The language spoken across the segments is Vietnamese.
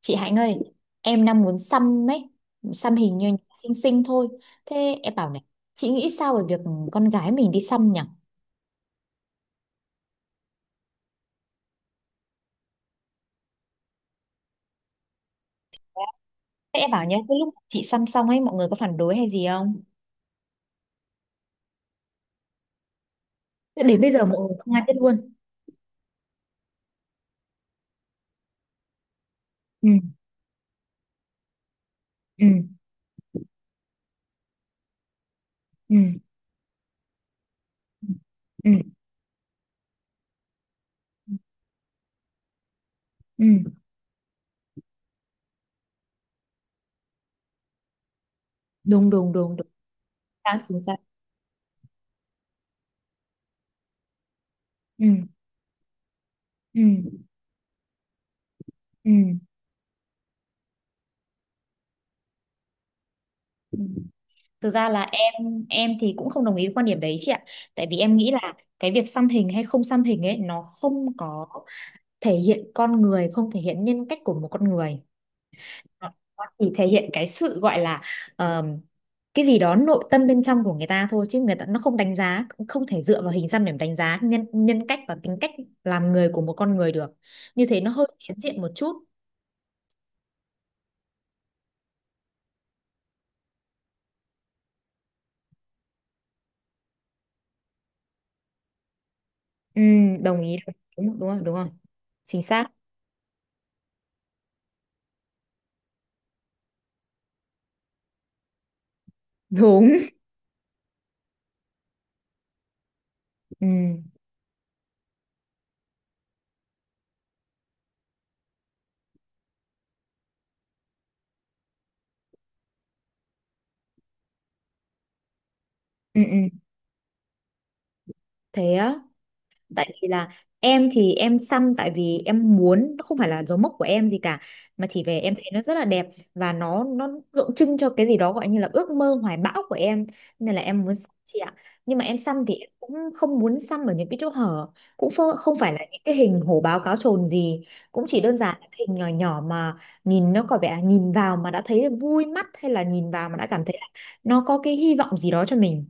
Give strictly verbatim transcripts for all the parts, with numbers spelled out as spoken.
Chị Hạnh ơi, em đang muốn xăm ấy, xăm hình như xinh xinh thôi. Thế em bảo này, chị nghĩ sao về việc con gái mình đi xăm nhỉ? Thế em bảo nhé, cái lúc chị xăm xong ấy, mọi người có phản đối hay gì không? Thế đến bây giờ mọi người không ai biết luôn. Ừ ừ ừ ừ ừ. Đúng đúng đúng đúng. Sao chính xác. Ừ ừ ừ. Ừ. Thực ra là em em thì cũng không đồng ý với quan điểm đấy chị ạ. Tại vì em nghĩ là cái việc xăm hình hay không xăm hình ấy nó không có thể hiện con người, không thể hiện nhân cách của một con người. Nó chỉ thể hiện cái sự gọi là ờm, cái gì đó nội tâm bên trong của người ta thôi, chứ người ta nó không đánh giá, cũng không thể dựa vào hình xăm để mà đánh giá nhân nhân cách và tính cách làm người của một con người được. Như thế nó hơi phiến diện một chút. Ừm, đồng ý. Đúng đúng rồi đúng rồi. Chính xác. Đúng. Ừm, ừ, ừ. Thế á. Tại vì là em thì em xăm tại vì em muốn, nó không phải là dấu mốc của em gì cả, mà chỉ về em thấy nó rất là đẹp, và nó nó tượng trưng cho cái gì đó gọi như là ước mơ hoài bão của em, nên là em muốn xăm chị ạ. Nhưng mà em xăm thì em cũng không muốn xăm ở những cái chỗ hở, cũng phơ- không phải là những cái hình hổ báo cáo chồn gì, cũng chỉ đơn giản là cái hình nhỏ nhỏ mà nhìn nó có vẻ là nhìn vào mà đã thấy vui mắt, hay là nhìn vào mà đã cảm thấy là nó có cái hy vọng gì đó cho mình.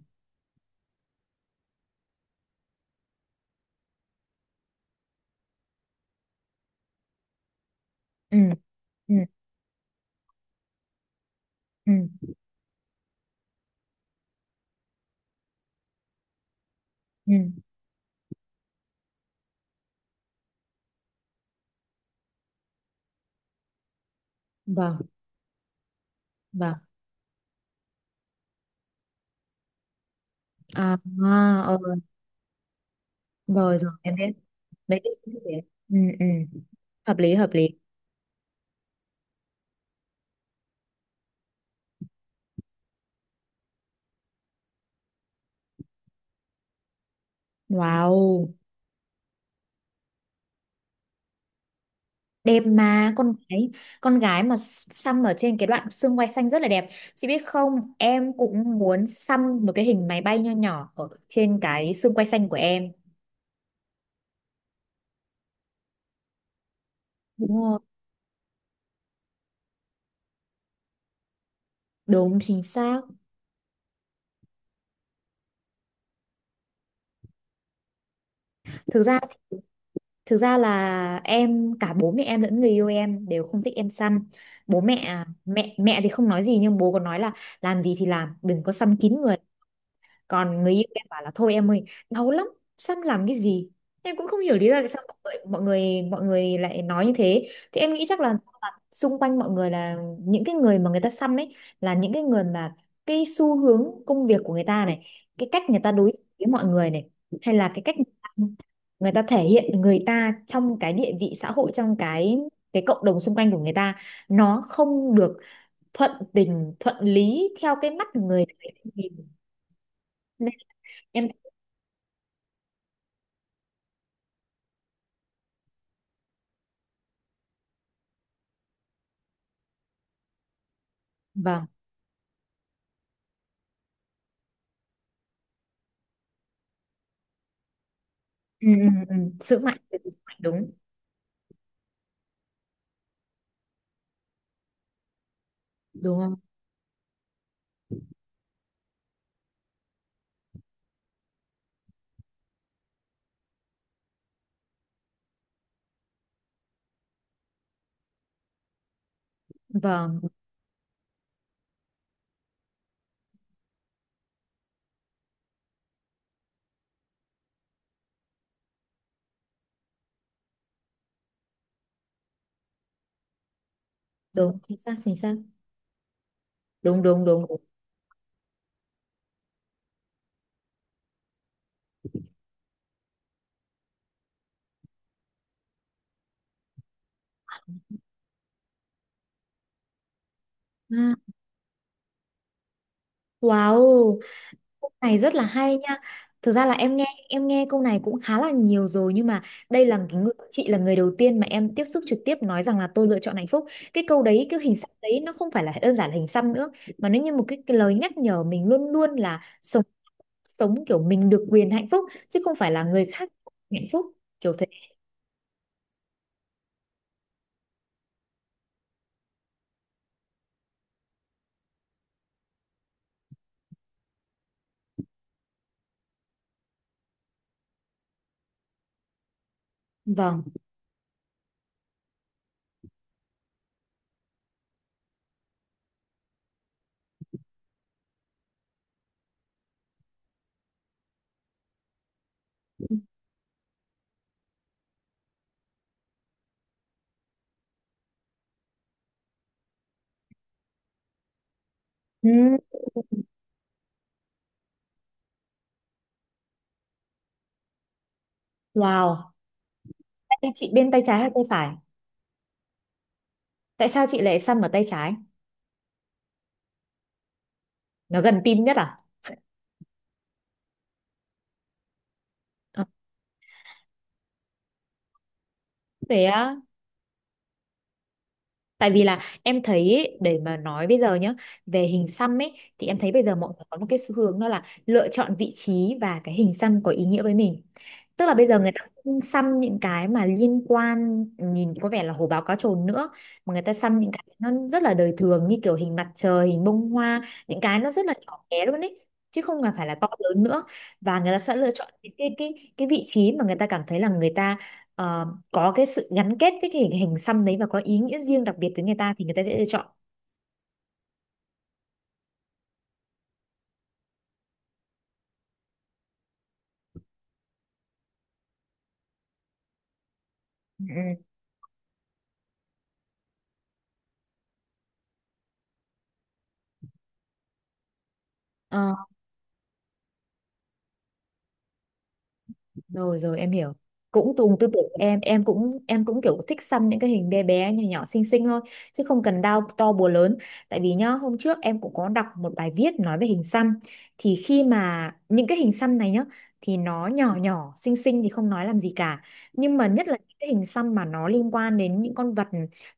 Ừ ừ ừ ừ. Vâng vâng. À, à, ờ. Rồi rồi em biết mấy cái suy nghĩ đấy. Ừ, ừ. Hợp lý hợp lý. Wow. Đẹp mà, con gái. Con gái mà xăm ở trên cái đoạn xương quai xanh rất là đẹp. Chị biết không, em cũng muốn xăm một cái hình máy bay nho nhỏ ở trên cái xương quai xanh của em. Đúng rồi. Đúng chính xác. Thực ra, thực ra là em cả bố mẹ em lẫn người yêu em đều không thích em xăm. Bố mẹ à, mẹ mẹ thì không nói gì, nhưng bố còn nói là làm gì thì làm, đừng có xăm kín người. Còn người yêu em bảo là thôi em ơi, đau lắm, xăm làm cái gì. Em cũng không hiểu lý do tại sao mọi người mọi người mọi người lại nói như thế, thì em nghĩ chắc là, là xung quanh mọi người là những cái người mà người ta xăm ấy, là những cái người mà cái xu hướng công việc của người ta này, cái cách người ta đối xử với mọi người này, hay là cái cách người ta, người ta thể hiện người ta trong cái địa vị xã hội, trong cái cái cộng đồng xung quanh của người ta nó không được thuận tình thuận lý theo cái mắt người người ta nhìn. Nên em. Vâng. Ừ, ừ, ừ. Sữa mạnh thì sữa mạnh, đúng. Đúng không. Vâng. Đúng chính xác chính xác. Đúng đúng đúng, đúng. À, wow, câu này rất là hay nha. Thực ra là em nghe em nghe câu này cũng khá là nhiều rồi, nhưng mà đây là cái người, chị là người đầu tiên mà em tiếp xúc trực tiếp nói rằng là tôi lựa chọn hạnh phúc. Cái câu đấy, cái hình xăm đấy nó không phải là đơn giản là hình xăm nữa, mà nó như một cái, cái lời nhắc nhở mình luôn luôn là sống, sống kiểu mình được quyền hạnh phúc chứ không phải là người khác hạnh phúc, kiểu thế. Vâng. Ừ. Wow. Thế chị bên tay trái hay tay phải? Tại sao chị lại xăm ở tay trái? Nó gần tim nhất à? À, thế á. Tại vì là em thấy ấy, để mà nói bây giờ nhá, về hình xăm ấy, thì em thấy bây giờ mọi người có một cái xu hướng, đó là lựa chọn vị trí và cái hình xăm có ý nghĩa với mình. Tức là bây giờ người ta không xăm những cái mà liên quan nhìn có vẻ là hổ báo cá trồn nữa, mà người ta xăm những cái nó rất là đời thường như kiểu hình mặt trời, hình bông hoa, những cái nó rất là nhỏ bé luôn ấy, chứ không cần phải là to lớn nữa, và người ta sẽ lựa chọn cái cái cái, cái vị trí mà người ta cảm thấy là người ta ờ, có cái sự gắn kết với cái hình, hình xăm đấy và có ý nghĩa riêng đặc biệt với người ta thì người ta sẽ lựa chọn. Ừ. Ừ. Ờ, rồi rồi em hiểu. Cũng cùng tư tưởng của em, em cũng em cũng kiểu thích xăm những cái hình bé bé nhỏ nhỏ xinh xinh thôi, chứ không cần đau to búa lớn. Tại vì nhá, hôm trước em cũng có đọc một bài viết nói về hình xăm, thì khi mà những cái hình xăm này nhá, thì nó nhỏ nhỏ xinh xinh thì không nói làm gì cả, nhưng mà nhất là những cái hình xăm mà nó liên quan đến những con vật,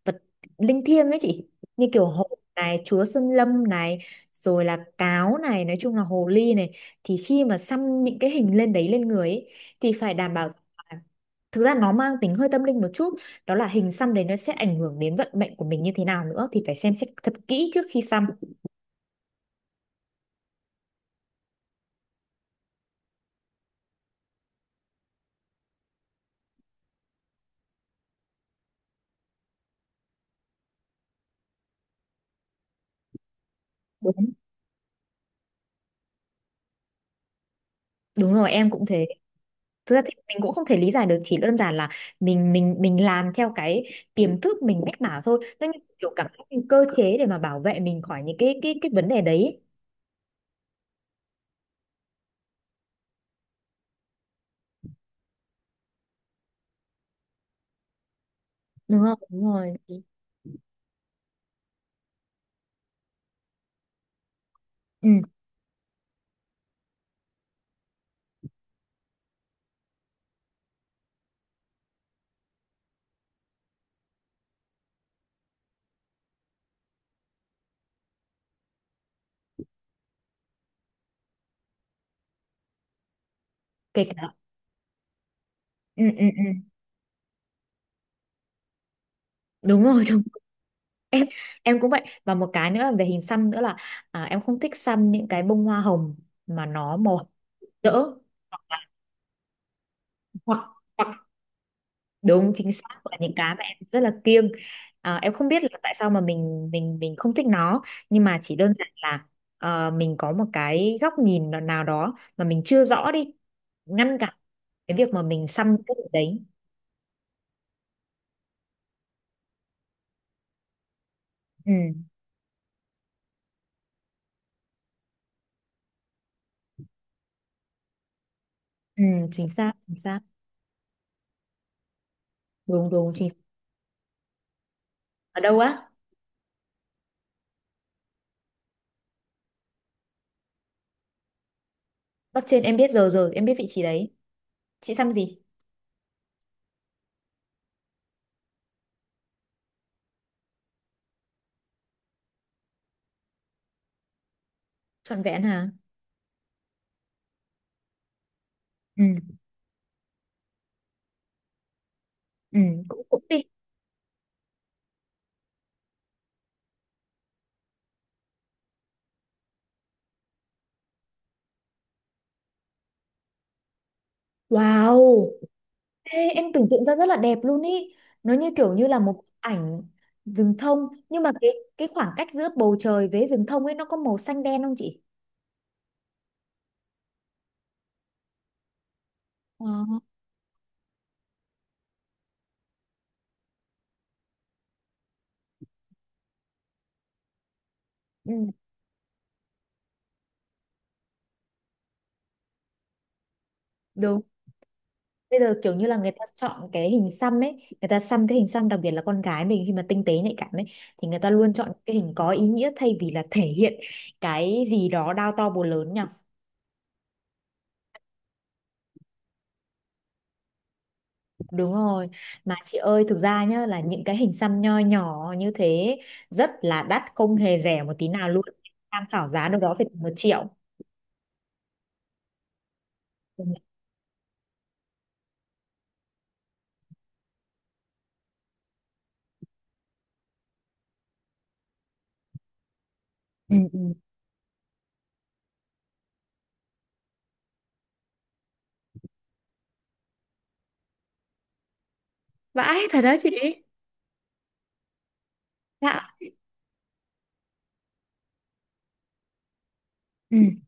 vật linh thiêng ấy chị, như kiểu hổ này, chúa sơn lâm này, rồi là cáo này, nói chung là hồ ly này, thì khi mà xăm những cái hình lên đấy, lên người ấy, thì phải đảm bảo, thực ra nó mang tính hơi tâm linh một chút, đó là hình xăm đấy nó sẽ ảnh hưởng đến vận mệnh của mình như thế nào nữa, thì phải xem xét thật kỹ trước khi xăm. Đúng. Đúng rồi, em cũng thế. Thực ra thì mình cũng không thể lý giải được, chỉ đơn giản là mình mình mình làm theo cái tiềm thức mình mách bảo thôi, nó như kiểu cảm giác như cơ chế để mà bảo vệ mình khỏi những cái cái cái vấn đề đấy. Đúng không, đúng rồi. Ừ. Kể cả. Ừ ừ ừ. Đúng rồi, đúng. em em cũng vậy, và một cái nữa là về hình xăm nữa là, à, em không thích xăm những cái bông hoa hồng mà nó màu hồng rỡ, hoặc là, hoặc, hoặc đúng chính xác là những cái mà em rất là kiêng. À, em không biết là tại sao mà mình mình mình không thích nó, nhưng mà chỉ đơn giản là ờ, mình có một cái góc nhìn nào nào đó mà mình chưa rõ đi ngăn cản cái việc mà mình xăm cái điều đấy. Ừ, ừ. Chính xác chính xác. Đúng đúng chính xác. Ở đâu á? Bắp trên em biết, rồi rồi em biết vị trí đấy. Chị xăm gì? Trọn vẹn hả? Ừ ừ. Cũng cũng đi. Wow. Ê, em tưởng tượng ra rất là đẹp luôn ý. Nó như kiểu như là một bức ảnh rừng thông, nhưng mà cái cái khoảng cách giữa bầu trời với rừng thông ấy nó có màu xanh đen không chị? Ờ. Ừ. Đúng. Bây giờ kiểu như là người ta chọn cái hình xăm ấy, người ta xăm cái hình xăm, đặc biệt là con gái mình khi mà tinh tế nhạy cảm ấy, thì người ta luôn chọn cái hình có ý nghĩa thay vì là thể hiện cái gì đó đao to búa lớn nhỉ? Đúng rồi, mà chị ơi thực ra nhá, là những cái hình xăm nho nhỏ như thế rất là đắt, không hề rẻ một tí nào luôn, tham khảo giá đâu đó phải tầm một triệu. Ừ. Ừ ừ. Vãi thật đó chị. Dạ. Ừ.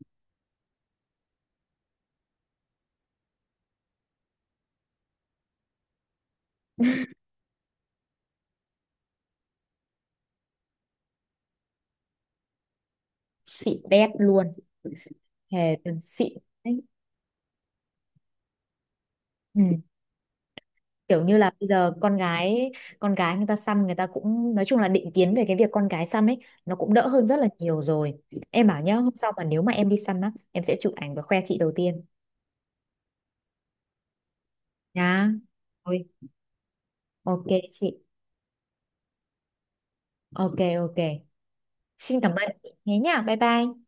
Xịn đét luôn. Thề từng xịn. Đấy. Ừ. Kiểu như là bây giờ con gái, con gái người ta xăm, người ta cũng, nói chung là định kiến về cái việc con gái xăm ấy nó cũng đỡ hơn rất là nhiều rồi. Em bảo nhá, hôm sau mà nếu mà em đi xăm á, em sẽ chụp ảnh và khoe chị đầu tiên nhá. Ôi, ok chị. Ok ok. Xin cảm ơn. Thế nhá. Bye bye.